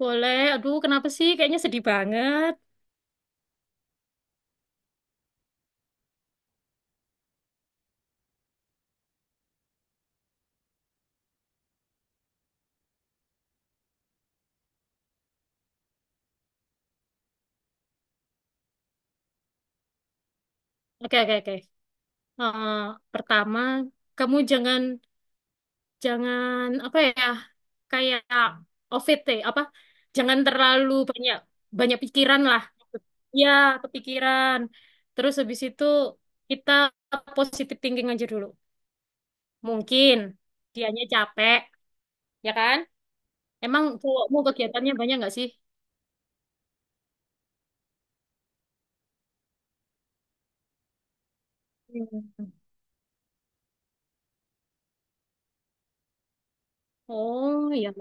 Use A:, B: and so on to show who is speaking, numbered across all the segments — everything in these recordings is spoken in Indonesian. A: Boleh. Aduh, kenapa sih? Kayaknya sedih banget. Oke, oke, oke. Eh, Pertama, kamu jangan jangan apa ya? Kayak OVT apa? Jangan terlalu banyak banyak pikiran lah. Ya, kepikiran. Terus habis itu kita positive thinking aja dulu. Mungkin dianya capek, ya kan? Emang cowokmu kegiatannya banyak nggak sih? Hmm. Oh, iya.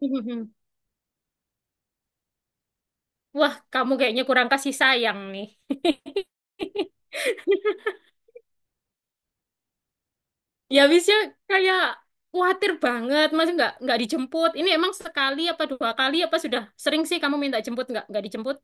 A: Wah, kamu kayaknya kurang kasih sayang nih. Ya habisnya kayak khawatir banget, masih nggak dijemput. Ini emang sekali apa dua kali apa sudah sering sih kamu minta jemput nggak dijemput?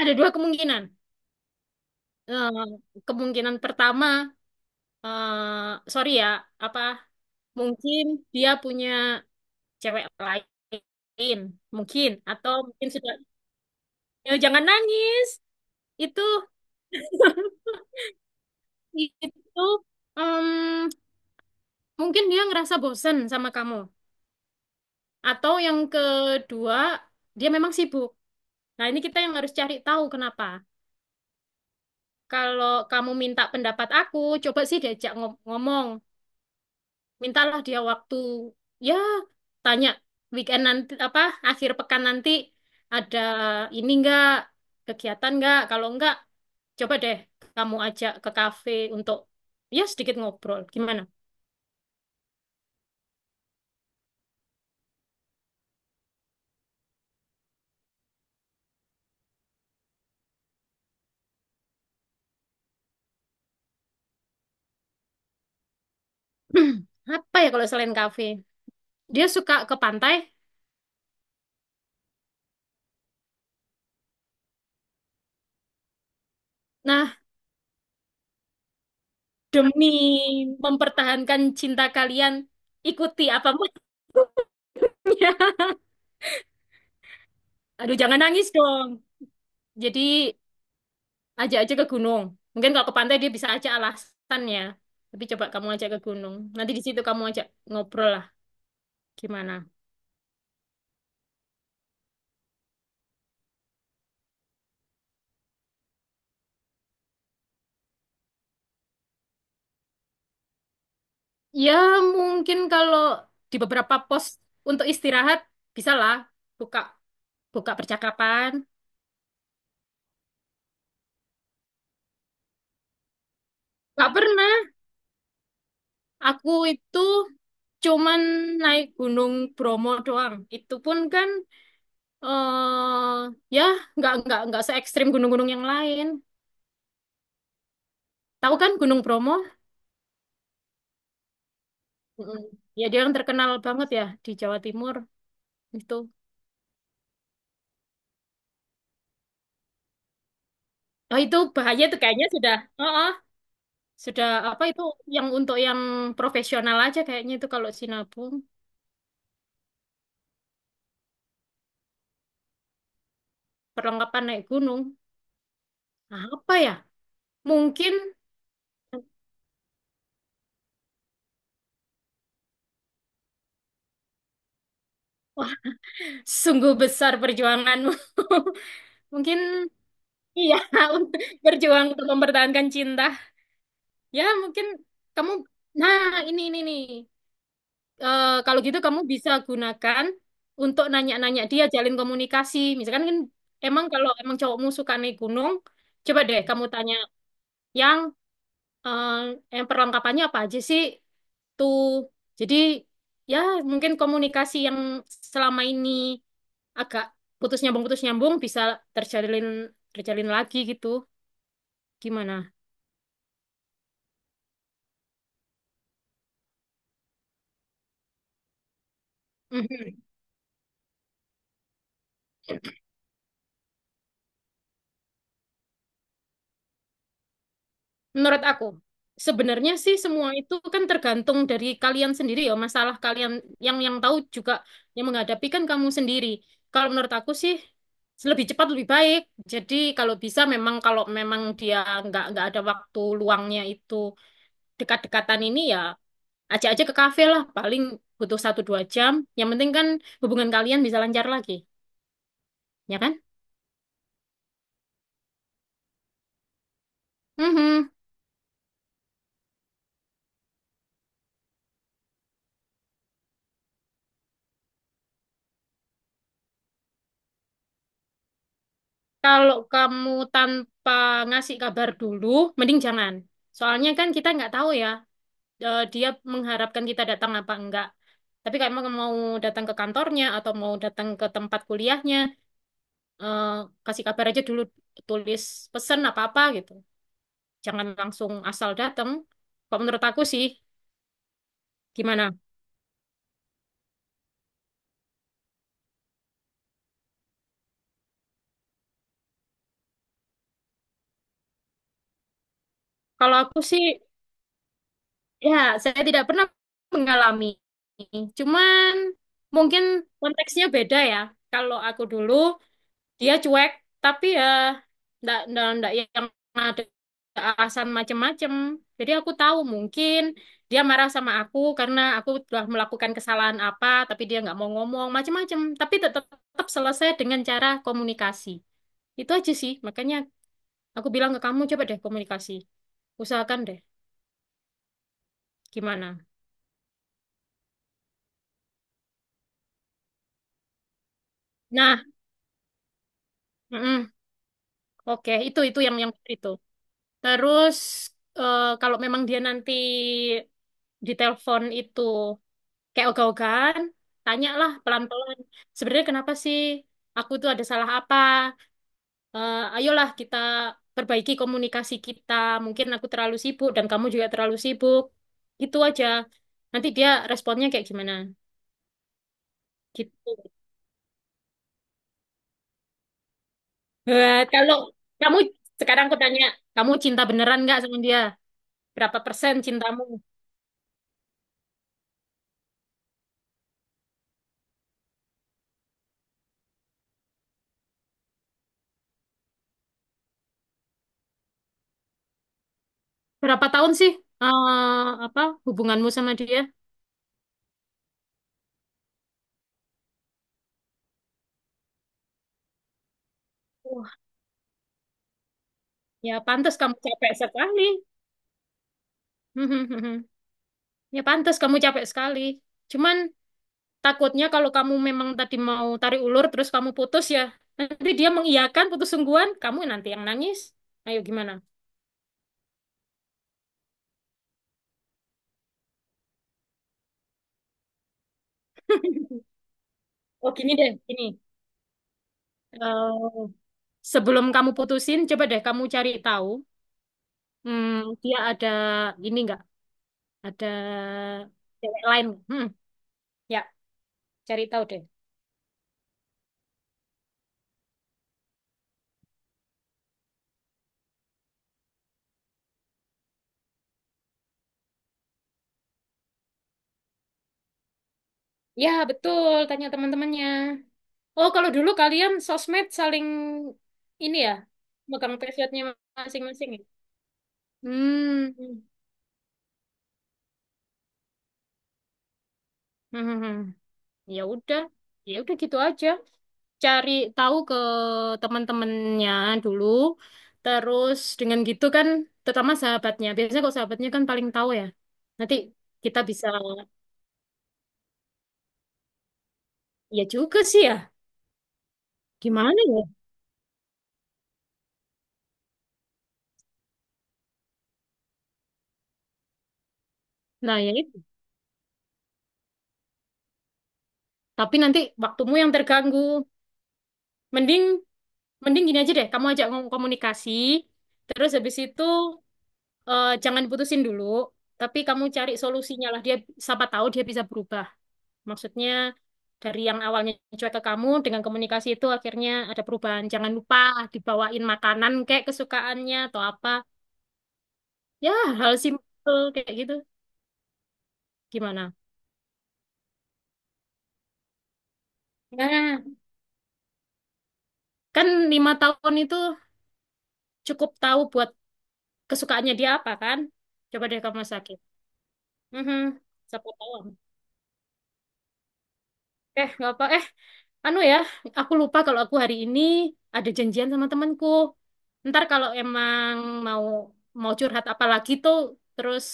A: Ada dua kemungkinan. Eh, Kemungkinan pertama, sorry ya, apa mungkin dia punya cewek lain, mungkin atau mungkin sudah. Ya, jangan nangis. Itu itu em, mungkin dia ngerasa bosen sama kamu. Atau yang kedua, dia memang sibuk. Nah, ini kita yang harus cari tahu kenapa. Kalau kamu minta pendapat aku, coba sih diajak ngomong. Mintalah dia waktu, ya, tanya weekend nanti apa akhir pekan nanti ada ini enggak kegiatan enggak? Kalau enggak, coba deh kamu ajak ke kafe untuk ya sedikit ngobrol. Gimana? Apa ya kalau selain kafe? Dia suka ke pantai. Nah, demi mempertahankan cinta kalian, ikuti apa maunya. Aduh, jangan nangis dong. Jadi ajak aja ke gunung. Mungkin kalau ke pantai dia bisa ajak alasannya. Tapi coba kamu ajak ke gunung. Nanti di situ kamu ajak ngobrol lah gimana. Ya, mungkin kalau di beberapa pos untuk istirahat bisa lah buka buka percakapan. Gak pernah. Aku itu cuman naik Gunung Bromo doang. Itu pun kan eh ya, nggak se ekstrim gunung-gunung yang lain. Tahu kan Gunung Bromo? Mm-mm. Ya dia yang terkenal banget ya di Jawa Timur itu. Oh, itu bahaya tuh kayaknya sudah. Oh, oh, sudah apa itu yang untuk yang profesional aja kayaknya itu kalau Sinabung perlengkapan naik gunung. Nah, apa ya? Mungkin, wah, sungguh besar perjuanganmu. Mungkin iya untuk berjuang untuk mempertahankan cinta. Ya mungkin kamu. Nah, ini nih. Kalau gitu kamu bisa gunakan untuk nanya-nanya dia, jalin komunikasi. Misalkan kan emang kalau emang cowokmu suka naik gunung, coba deh kamu tanya yang eh, yang perlengkapannya apa aja sih tuh. Jadi ya mungkin komunikasi yang selama ini agak putus nyambung bisa terjalin terjalin lagi gitu. Gimana? Menurut aku, sebenarnya sih semua itu kan tergantung dari kalian sendiri ya, masalah kalian yang tahu juga, yang menghadapi kan kamu sendiri. Kalau menurut aku sih lebih cepat lebih baik. Jadi kalau bisa, memang kalau memang dia nggak ada waktu luangnya itu, dekat-dekatan ini ya ajak aja ke kafe lah, paling butuh satu dua jam. Yang penting kan hubungan kalian bisa lancar lagi, ya kan? Mhm. Kalau kamu tanpa ngasih kabar dulu, mending jangan. Soalnya kan kita nggak tahu ya, dia mengharapkan kita datang apa enggak. Tapi kalau emang mau datang ke kantornya atau mau datang ke tempat kuliahnya, eh, kasih kabar aja dulu, tulis pesan apa-apa gitu. Jangan langsung asal datang. Kalau menurut aku sih, gimana? Kalau aku sih, ya saya tidak pernah mengalami. Cuman mungkin konteksnya beda ya. Kalau aku dulu dia cuek, tapi ya ndak ndak ndak yang ada alasan macem-macem. Jadi aku tahu mungkin dia marah sama aku karena aku telah melakukan kesalahan apa, tapi dia nggak mau ngomong macem-macem, tapi tetap tetap selesai dengan cara komunikasi itu aja sih. Makanya aku bilang ke kamu, coba deh komunikasi, usahakan deh gimana. Nah, mm-mm. Oke, itu yang itu. Terus kalau memang dia nanti ditelepon itu kayak ogah-ogahan, tanyalah pelan-pelan. Sebenarnya kenapa sih, aku tuh ada salah apa? Ayolah kita perbaiki komunikasi kita. Mungkin aku terlalu sibuk dan kamu juga terlalu sibuk. Gitu aja. Nanti dia responnya kayak gimana? Gitu. Kalau kamu sekarang aku tanya, kamu cinta beneran nggak sama dia? Berapa persen cintamu? Berapa tahun sih eh, apa hubunganmu sama dia? Wah, ya pantas kamu capek sekali. Ya pantas kamu capek sekali. Cuman takutnya kalau kamu memang tadi mau tarik ulur terus kamu putus ya. Nanti dia mengiyakan putus sungguhan, kamu nanti yang nangis. Ayo gimana? Oh, gini deh, gini. Eh, Sebelum kamu putusin, coba deh kamu cari tahu. Hmm, dia ada ini nggak? Ada cewek lain? Hmm, ya cari tahu deh. Ya betul, tanya teman-temannya. Oh, kalau dulu kalian sosmed saling ini ya, megang passwordnya masing-masing, ya? Hmm. Hmm. Hmm, hmm. Ya udah. Ya udah gitu aja. Cari tahu ke teman-temannya dulu. Terus dengan gitu kan, terutama sahabatnya. Biasanya kalau sahabatnya kan paling tahu ya. Nanti kita bisa, ya juga sih ya. Gimana ya? Nah, ya itu. Tapi nanti waktumu yang terganggu. Mending mending gini aja deh, kamu ajak ngomong komunikasi. Terus habis itu jangan putusin dulu, tapi kamu cari solusinya lah. Dia, siapa tahu dia bisa berubah. Maksudnya, dari yang awalnya cuek ke kamu, dengan komunikasi itu akhirnya ada perubahan. Jangan lupa dibawain makanan kayak kesukaannya atau apa. Ya, hal simpel kayak gitu. Gimana? Nah, kan 5 tahun itu cukup tahu buat kesukaannya dia apa kan? Coba deh kamu sakit. Mhm, siapa tahu. Nggak apa. Anu ya, aku lupa kalau aku hari ini ada janjian sama temanku. Ntar kalau emang mau mau curhat apa lagi tuh, terus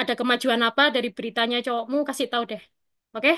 A: ada kemajuan apa dari beritanya cowokmu, kasih tahu deh. Oke?